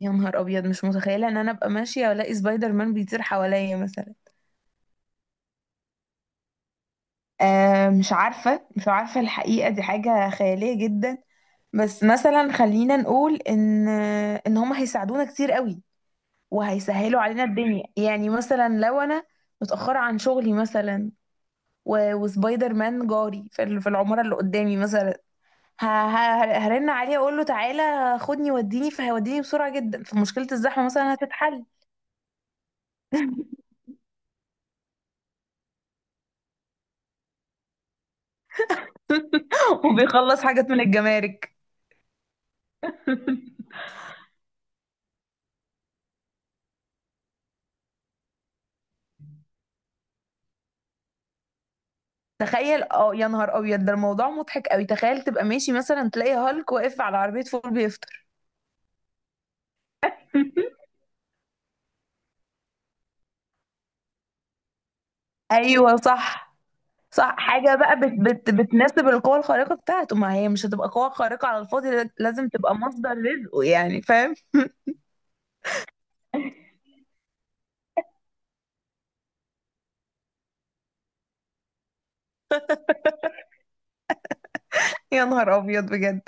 يا نهار ابيض، مش متخيله ان انا ابقى ماشيه والاقي سبايدر مان بيطير حواليا مثلا. آه، مش عارفه الحقيقه دي حاجه خياليه جدا. بس مثلا خلينا نقول ان هم هيساعدونا كتير قوي وهيسهلوا علينا الدنيا. يعني مثلا لو انا متاخره عن شغلي مثلا، وسبايدر مان جاري في العماره اللي قدامي مثلا، هرن عليه اقول له تعالى خدني وديني، فهيوديني بسرعه جدا، فمشكله الزحمه مثلا هتتحل. وبيخلص حاجات من الجمارك. تخيل، اه يا نهار ابيض، ده الموضوع مضحك قوي. تخيل تبقى ماشي مثلا تلاقي هالك واقف على عربية فول بيفطر. ايوه صح. صح، حاجة بقى بت بت بتناسب القوة الخارقة بتاعته، ما هي مش هتبقى قوة خارقة على الفاضي، لازم تبقى مصدر رزقه. يعني فاهم؟ يا نهار ابيض بجد.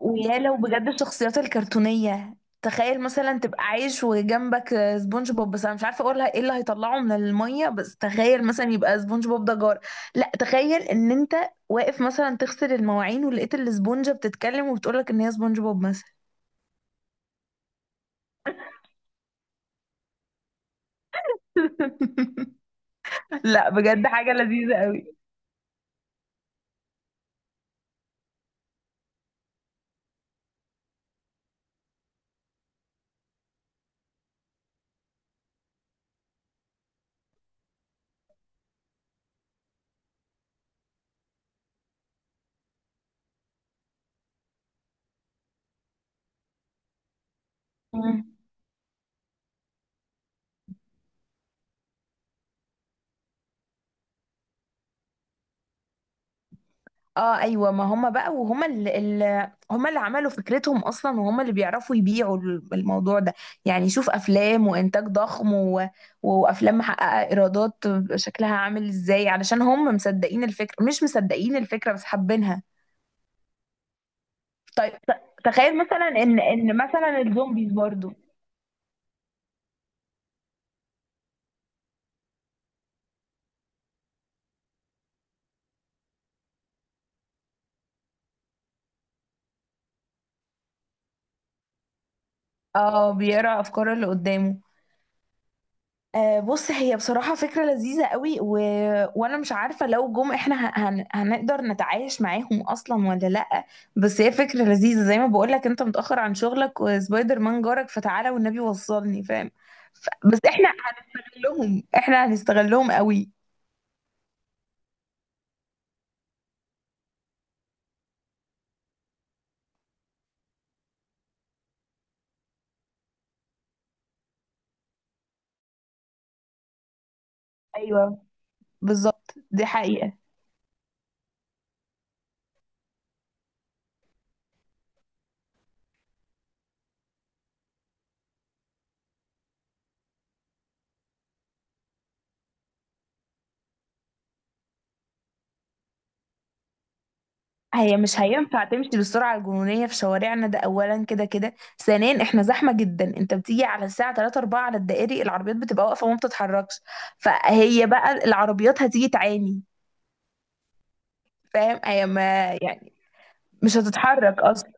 ويا لو بجد الشخصيات الكرتونية تخيل مثلا تبقى عايش وجنبك سبونج بوب. بس انا مش عارفه اقولها ايه اللي هيطلعه من الميه. بس تخيل مثلا يبقى سبونج بوب ده جار. لا تخيل ان انت واقف مثلا تغسل المواعين ولقيت الاسبونجه بتتكلم وبتقولك ان هي سبونج بوب مثلا. لا بجد حاجه لذيذه قوي. اه ايوه، ما هم بقى، وهم اللي عملوا فكرتهم اصلا، وهم اللي بيعرفوا يبيعوا الموضوع ده. يعني شوف افلام وانتاج ضخم، و... وافلام محققه ايرادات شكلها عامل ازاي، علشان هم مصدقين الفكره. مش مصدقين الفكره بس حابينها. طيب تخيل مثلا ان مثلا الزومبيز برضو. اه بيقرا افكار اللي قدامه. آه، بص، هي بصراحة فكرة لذيذة قوي. و... وأنا مش عارفة لو جم إحنا هنقدر نتعايش معاهم أصلا ولا لأ. بس هي فكرة لذيذة، زي ما بقولك أنت متأخر عن شغلك وسبايدر مان جارك، فتعالى والنبي وصلني. فاهم؟ ف... بس إحنا هنستغلهم، إحنا هنستغلهم قوي. أيوه بالظبط، دي حقيقة. هي مش هينفع تمشي بالسرعة الجنونية في شوارعنا. ده أولا، كده كده ثانيا احنا زحمة جدا. انت بتيجي على الساعة 3 4 على الدائري، العربيات بتبقى واقفة وما بتتحركش. فهي بقى العربيات هتيجي تعاني. فاهم؟ هي ما يعني مش هتتحرك أصلا.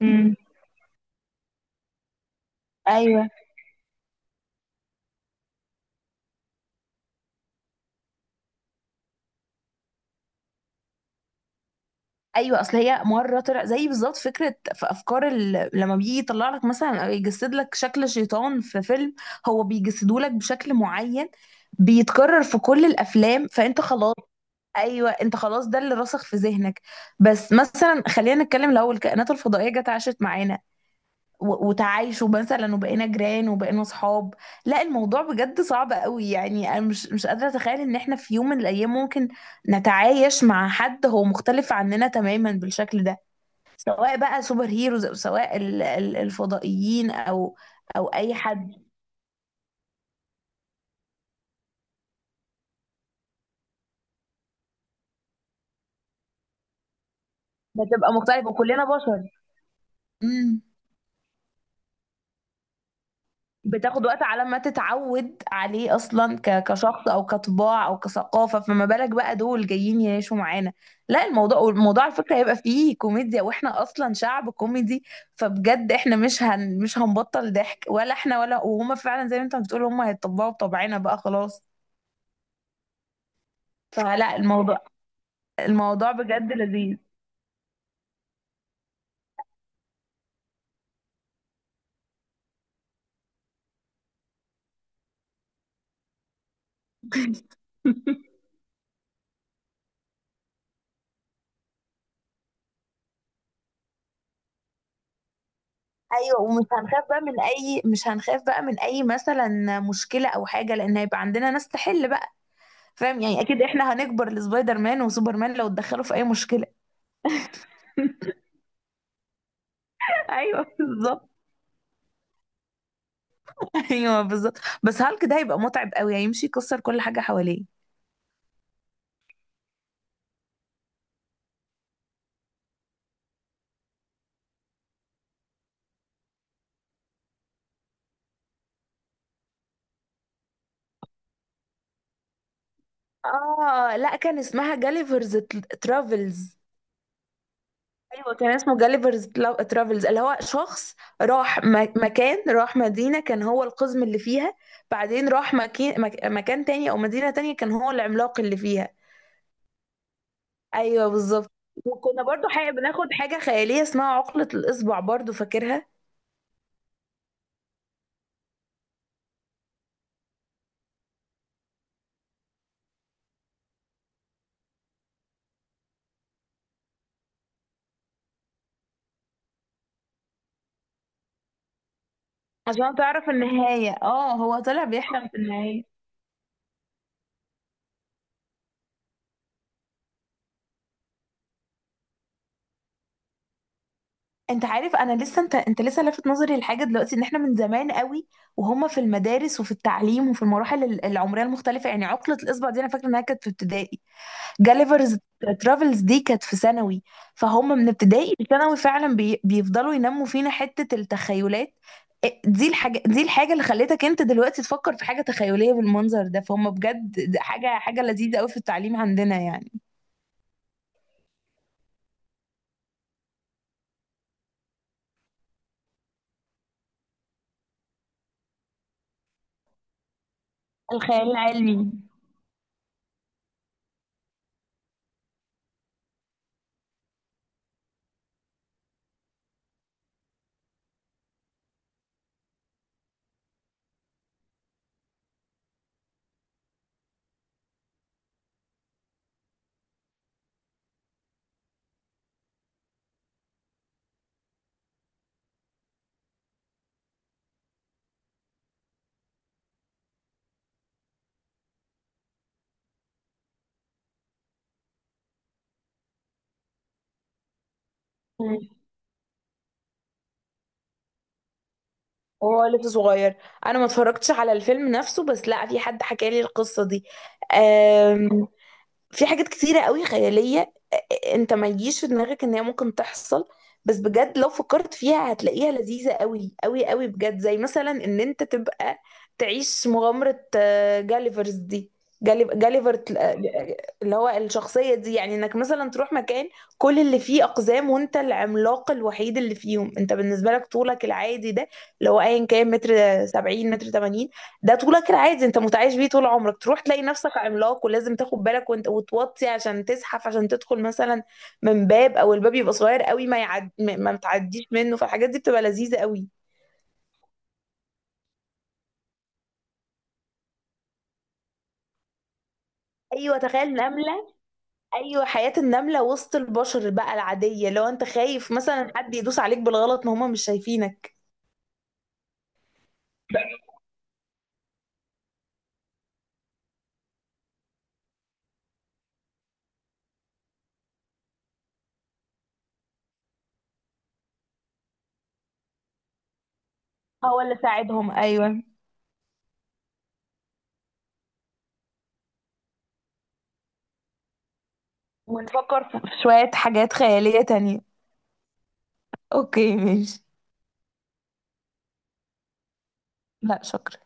امم. ايوه. ايوه، اصل هي مره طلع زي بالظبط فكره في افكار لما بيجي يطلع لك مثلا او يجسد لك شكل شيطان في فيلم، هو بيجسده لك بشكل معين بيتكرر في كل الافلام، فانت خلاص. ايوه انت خلاص، ده اللي راسخ في ذهنك. بس مثلا خلينا نتكلم، لو الكائنات الفضائيه جت عاشت معانا وتعايشوا مثلا، وبقينا جيران وبقينا صحاب. لا الموضوع بجد صعب قوي. يعني انا مش قادره اتخيل ان احنا في يوم من الايام ممكن نتعايش مع حد هو مختلف عننا تماما بالشكل ده، سواء بقى سوبر هيروز، او سواء الفضائيين، او او اي حد. بتبقى مختلف، وكلنا بشر. بتاخد وقت على ما تتعود عليه اصلا كشخص او كطباع او كثقافه، فما بالك بقى دول جايين يعيشوا معانا. لا الموضوع على فكره هيبقى فيه كوميديا، واحنا اصلا شعب كوميدي. فبجد احنا مش هنبطل ضحك، ولا احنا ولا وهما، فعلا زي ما انت بتقول هما هيتطبعوا بطبعنا بقى خلاص. فلا الموضوع، الموضوع بجد لذيذ. ايوه، ومش هنخاف بقى من اي، مش هنخاف بقى من اي مثلا مشكله او حاجه، لان هيبقى عندنا ناس تحل بقى. فاهم يعني؟ اكيد احنا هنكبر لسبايدر مان وسوبرمان لو اتدخلوا في اي مشكله. ايوه بالظبط. ايوه بالظبط. بس هالك ده هيبقى متعب قوي، هيمشي يكسر كل حاجه حواليه. اه لا، كان اسمها جاليفرز ترافلز. ايوه كان اسمه جاليفرز ترافلز، اللي هو شخص راح مكان، راح مدينه كان هو القزم اللي فيها، بعدين راح مكان مكان تاني او مدينه تانية كان هو العملاق اللي فيها. ايوه بالظبط. وكنا برضو بناخد حاجه خياليه اسمها عقله الاصبع برضو، فاكرها؟ عشان تعرف النهاية، اه هو طلع بيحلم في النهاية. انت عارف، انا لسه انت لسه لافت نظري لحاجة دلوقتي، ان احنا من زمان قوي وهم في المدارس وفي التعليم وفي المراحل العمرية المختلفة. يعني عقلة الاصبع دي انا فاكرة انها كانت في ابتدائي، جاليفرز ترافلز دي كانت في ثانوي. فهم من ابتدائي لثانوي فعلا بيفضلوا ينموا فينا حتة التخيلات. إيه، دي الحاجة، دي الحاجة اللي خلتك انت دلوقتي تفكر في حاجة تخيلية بالمنظر ده. فهم بجد ده حاجة لذيذة قوي في التعليم عندنا يعني. الخيال العلمي. مم. وهو لسه صغير. انا ما اتفرجتش على الفيلم نفسه، بس لا، في حد حكى لي القصه دي. آم، في حاجات كتيرة قوي خيالية، آه، انت ما يجيش في دماغك ان هي ممكن تحصل، بس بجد لو فكرت فيها هتلاقيها لذيذة قوي قوي قوي بجد. زي مثلا ان انت تبقى تعيش مغامرة، آه، جاليفرز دي، جاليفر اللي هو الشخصية دي. يعني انك مثلا تروح مكان كل اللي فيه اقزام، وانت العملاق الوحيد اللي فيهم. انت بالنسبة لك طولك العادي ده، اللي هو ايا كان متر سبعين، متر تمانين، ده طولك العادي انت متعايش بيه طول عمرك، تروح تلاقي نفسك عملاق ولازم تاخد بالك وانت وتوطي عشان تزحف، عشان تدخل مثلا من باب، او الباب يبقى صغير قوي ما يعد ما ما بتعديش منه. فالحاجات دي بتبقى لذيذة قوي. ايوه تخيل نملة. ايوه، حياة النملة وسط البشر بقى العادية، لو انت خايف مثلا حد يدوس عليك بالغلط، ما هما مش شايفينك. هو اللي ساعدهم، ايوه. ونفكر في شوية حاجات خيالية تانية. اوكي ماشي. لا شكرا.